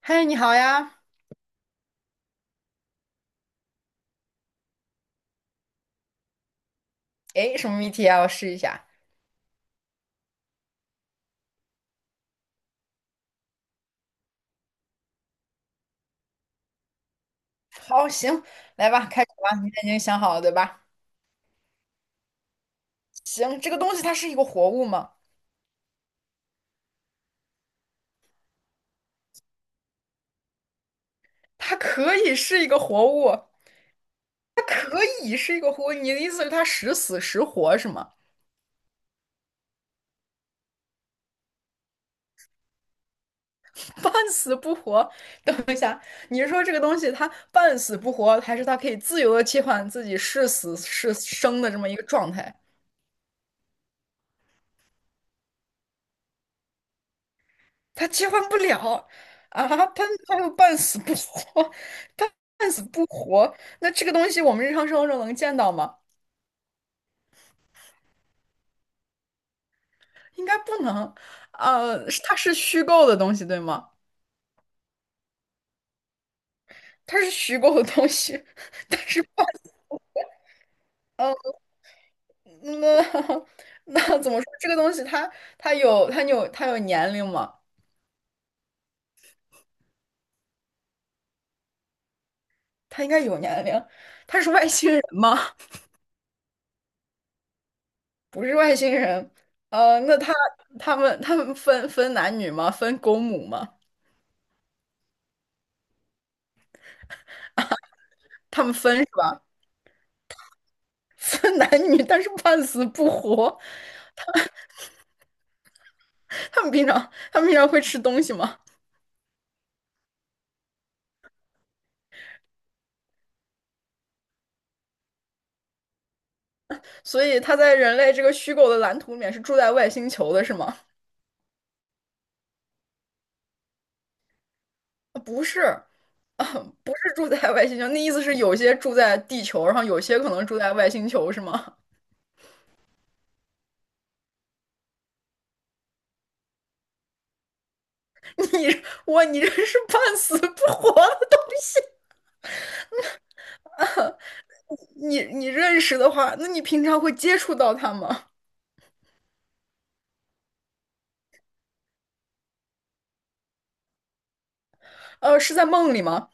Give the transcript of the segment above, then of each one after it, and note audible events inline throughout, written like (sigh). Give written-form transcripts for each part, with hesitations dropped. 嗨，你好呀！哎，什么谜题啊？我试一下。好，行，来吧，开始吧。你已经想好了，对吧？行，这个东西它是一个活物吗？它可以是一个活物，它可以是一个活物。你的意思是它时死时活是吗？(laughs) 半死不活？等一下，你是说这个东西它半死不活，还是它可以自由的切换自己是死是生的这么一个状态？他切换不了啊，他又半死不活，(laughs) 他半死不活。那这个东西我们日常生活中能见到吗？应该不能。是它是虚构的东西，对吗？它是虚构的东西，(laughs) 但是半呃，那 (laughs) 那怎么说？这个东西它有年龄吗？它应该有年龄。它是外星人吗？不是外星人。那他他们分男女吗？分公母吗？他们分是吧？分男女，但是半死不活。他们平常会吃东西吗？所以他在人类这个虚构的蓝图里面是住在外星球的，是吗？啊不是，啊，不是住在外星球。那意思是有些住在地球，然后有些可能住在外星球，是吗？(laughs) 你这是半死不活的东西。你认识的话，那你平常会接触到他吗？呃，是在梦里吗？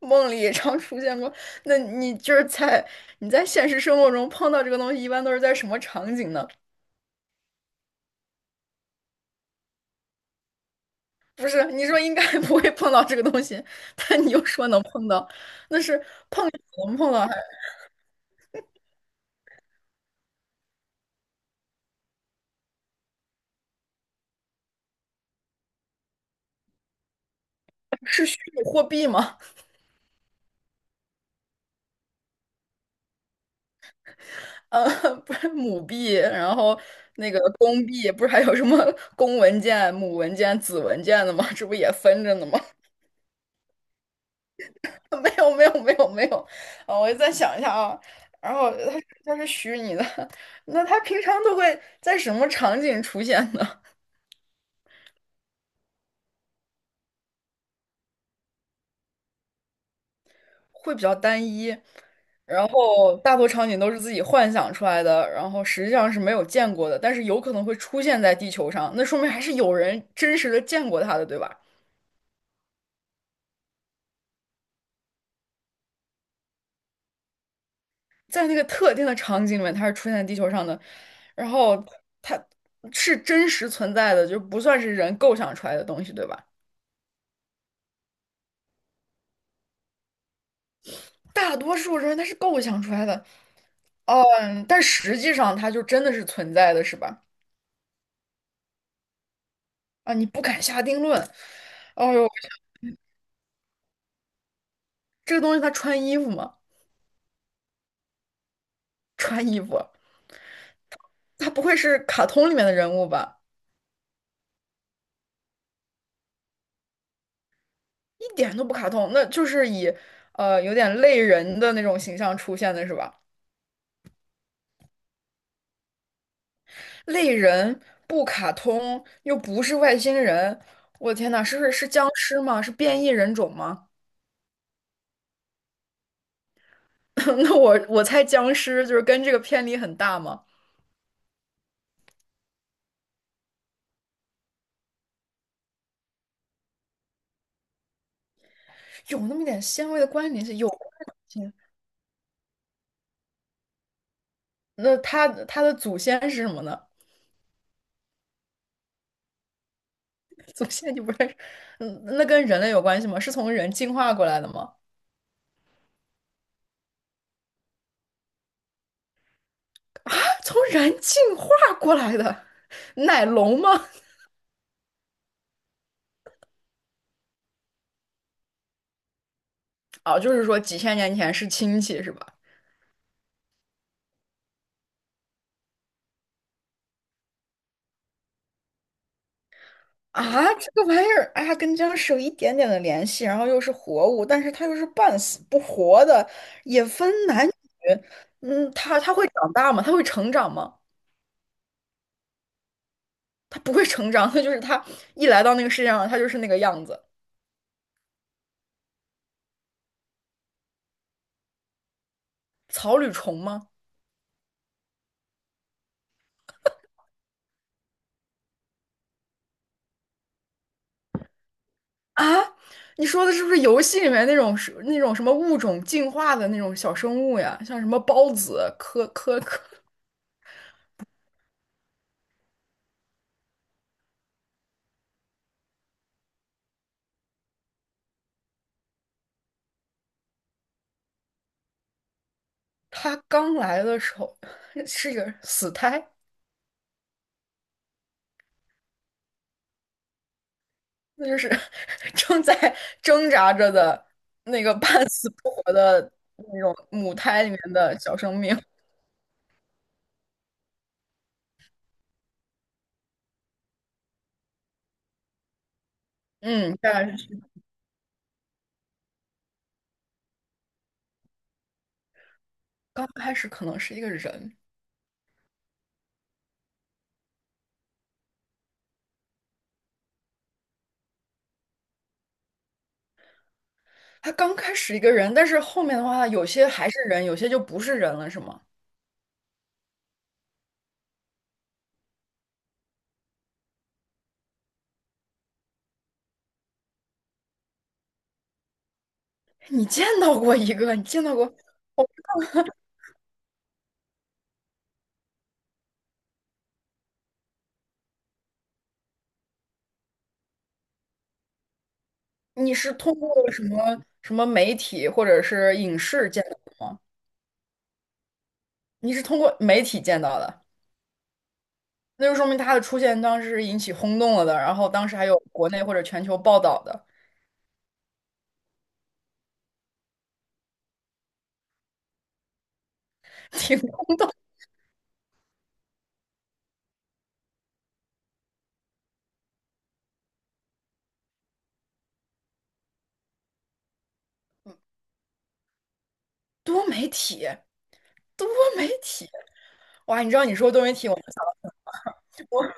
梦里也常出现过。那你就是在你在现实生活中碰到这个东西，一般都是在什么场景呢？不是，你说应该不会碰到这个东西，但你又说能碰到，那是碰不碰到还是虚拟货币吗？不是母币，然后那个公币，不是还有什么公文件、母文件、子文件的吗？这不也分着呢吗？(laughs) 没有没有没有没有，啊，我再想一下啊。然后他是虚拟的，(laughs) 那他平常都会在什么场景出现呢？(laughs) 会比较单一，然后大多场景都是自己幻想出来的，然后实际上是没有见过的，但是有可能会出现在地球上，那说明还是有人真实的见过他的，对吧？在那个特定的场景里面，它是出现在地球上的，然后它是真实存在的，就不算是人构想出来的东西，对吧？大多数人他是构想出来的，嗯，但实际上它就真的是存在的，是吧？啊，你不敢下定论。哦呦，这个东西它穿衣服吗？穿衣服，它不会是卡通里面的人物吧？一点都不卡通，那就是以有点类人的那种形象出现的是吧？类人不卡通，又不是外星人，我的天呐，是是僵尸吗？是变异人种吗？(laughs) 那我猜僵尸就是跟这个偏离很大吗？有那么点纤维的关联性，有关联性那它的祖先是什么呢？(laughs) 祖先你不认识？嗯，那跟人类有关系吗？是从人进化过来的吗？(laughs) 从人进化过来的，奶龙吗？哦，就是说几千年前是亲戚是吧？啊，这个玩意儿，哎呀，跟僵尸有一点点的联系，然后又是活物，但是它又是半死不活的，也分男女。嗯，它会长大吗？它会成长吗？他不会成长，他就是他一来到那个世界上，他就是那个样子。草履虫吗？啊，你说的是不是游戏里面那种是那种什么物种进化的那种小生物呀？像什么孢子、科科科，他刚来的时候是一个死胎，那就是 (laughs) 正在挣扎着的那个半死不活的那种母胎里面的小生命。嗯，大概是刚开始可能是一个人，他刚开始一个人，但是后面的话，有些还是人，有些就不是人了，是吗？(laughs) 你见到过一个？你见到过？你是通过什么媒体或者是影视见到你是通过媒体见到的，那就说明他的出现当时是引起轰动了的，然后当时还有国内或者全球报道的，挺酷多媒体，多媒体，哇！你知道你说多媒体，我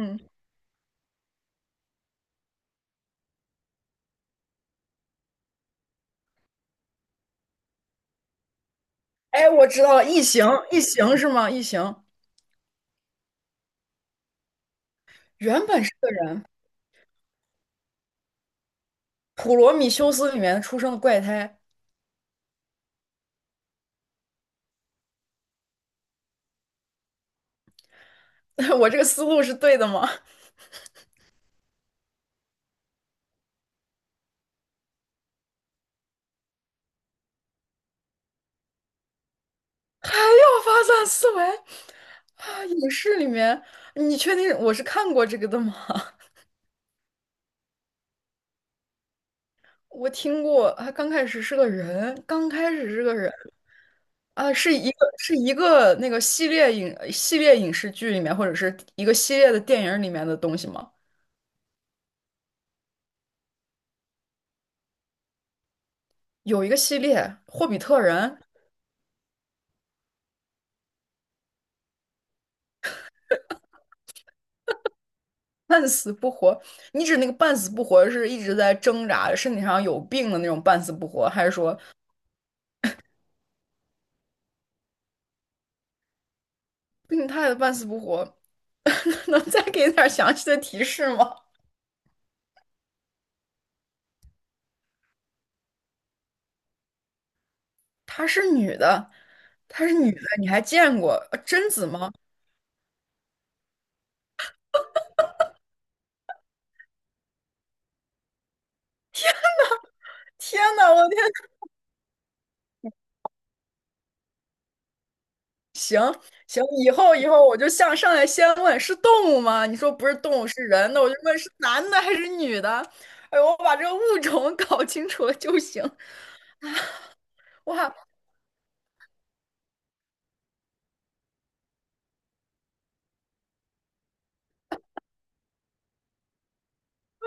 嗯，哎，我知道了，异形，异形是吗？异形原本是个人，《普罗米修斯》里面出生的怪胎。(laughs) 我这个思路是对的吗？还要发散思维啊！影视里面，你确定我是看过这个的吗？(laughs) 我听过，啊，刚开始是个人，刚开始是个人啊，是一个那个系列影视剧里面，或者是一个系列的电影里面的东西吗？有一个系列《霍比特人》，半死不活。你指那个半死不活是一直在挣扎，身体上有病的那种半死不活，还是说？病态的半死不活，(laughs) 能再给点儿详细的提示吗？她是女的，她是女的，你还见过贞子吗？天呐，我的天！行，以后我就向上来先问是动物吗？你说不是动物是人的，我就问是男的还是女的。哎呦，我把这个物种 (laughs) 搞清楚了就行。哇，哦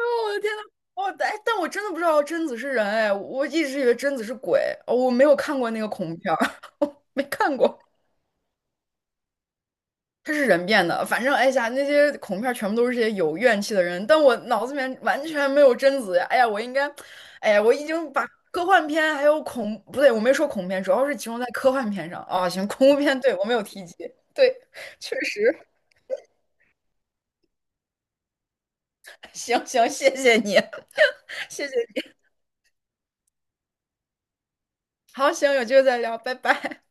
我的天呐，我但我真的不知道贞子是人哎，我一直以为贞子是鬼，哦，我没有看过那个恐怖片儿，(laughs) 我没看过。它是人变的，反正哎呀，那些恐怖片儿全部都是这些有怨气的人，但我脑子里面完全没有贞子呀！哎呀，我应该，哎呀，我已经把科幻片还有恐，不对，我没说恐怖片，主要是集中在科幻片上啊。行，恐怖片，对，我没有提及，对，确实，(laughs) 行行，谢谢你，(laughs) 谢谢你，好，行，有机会再聊，拜拜。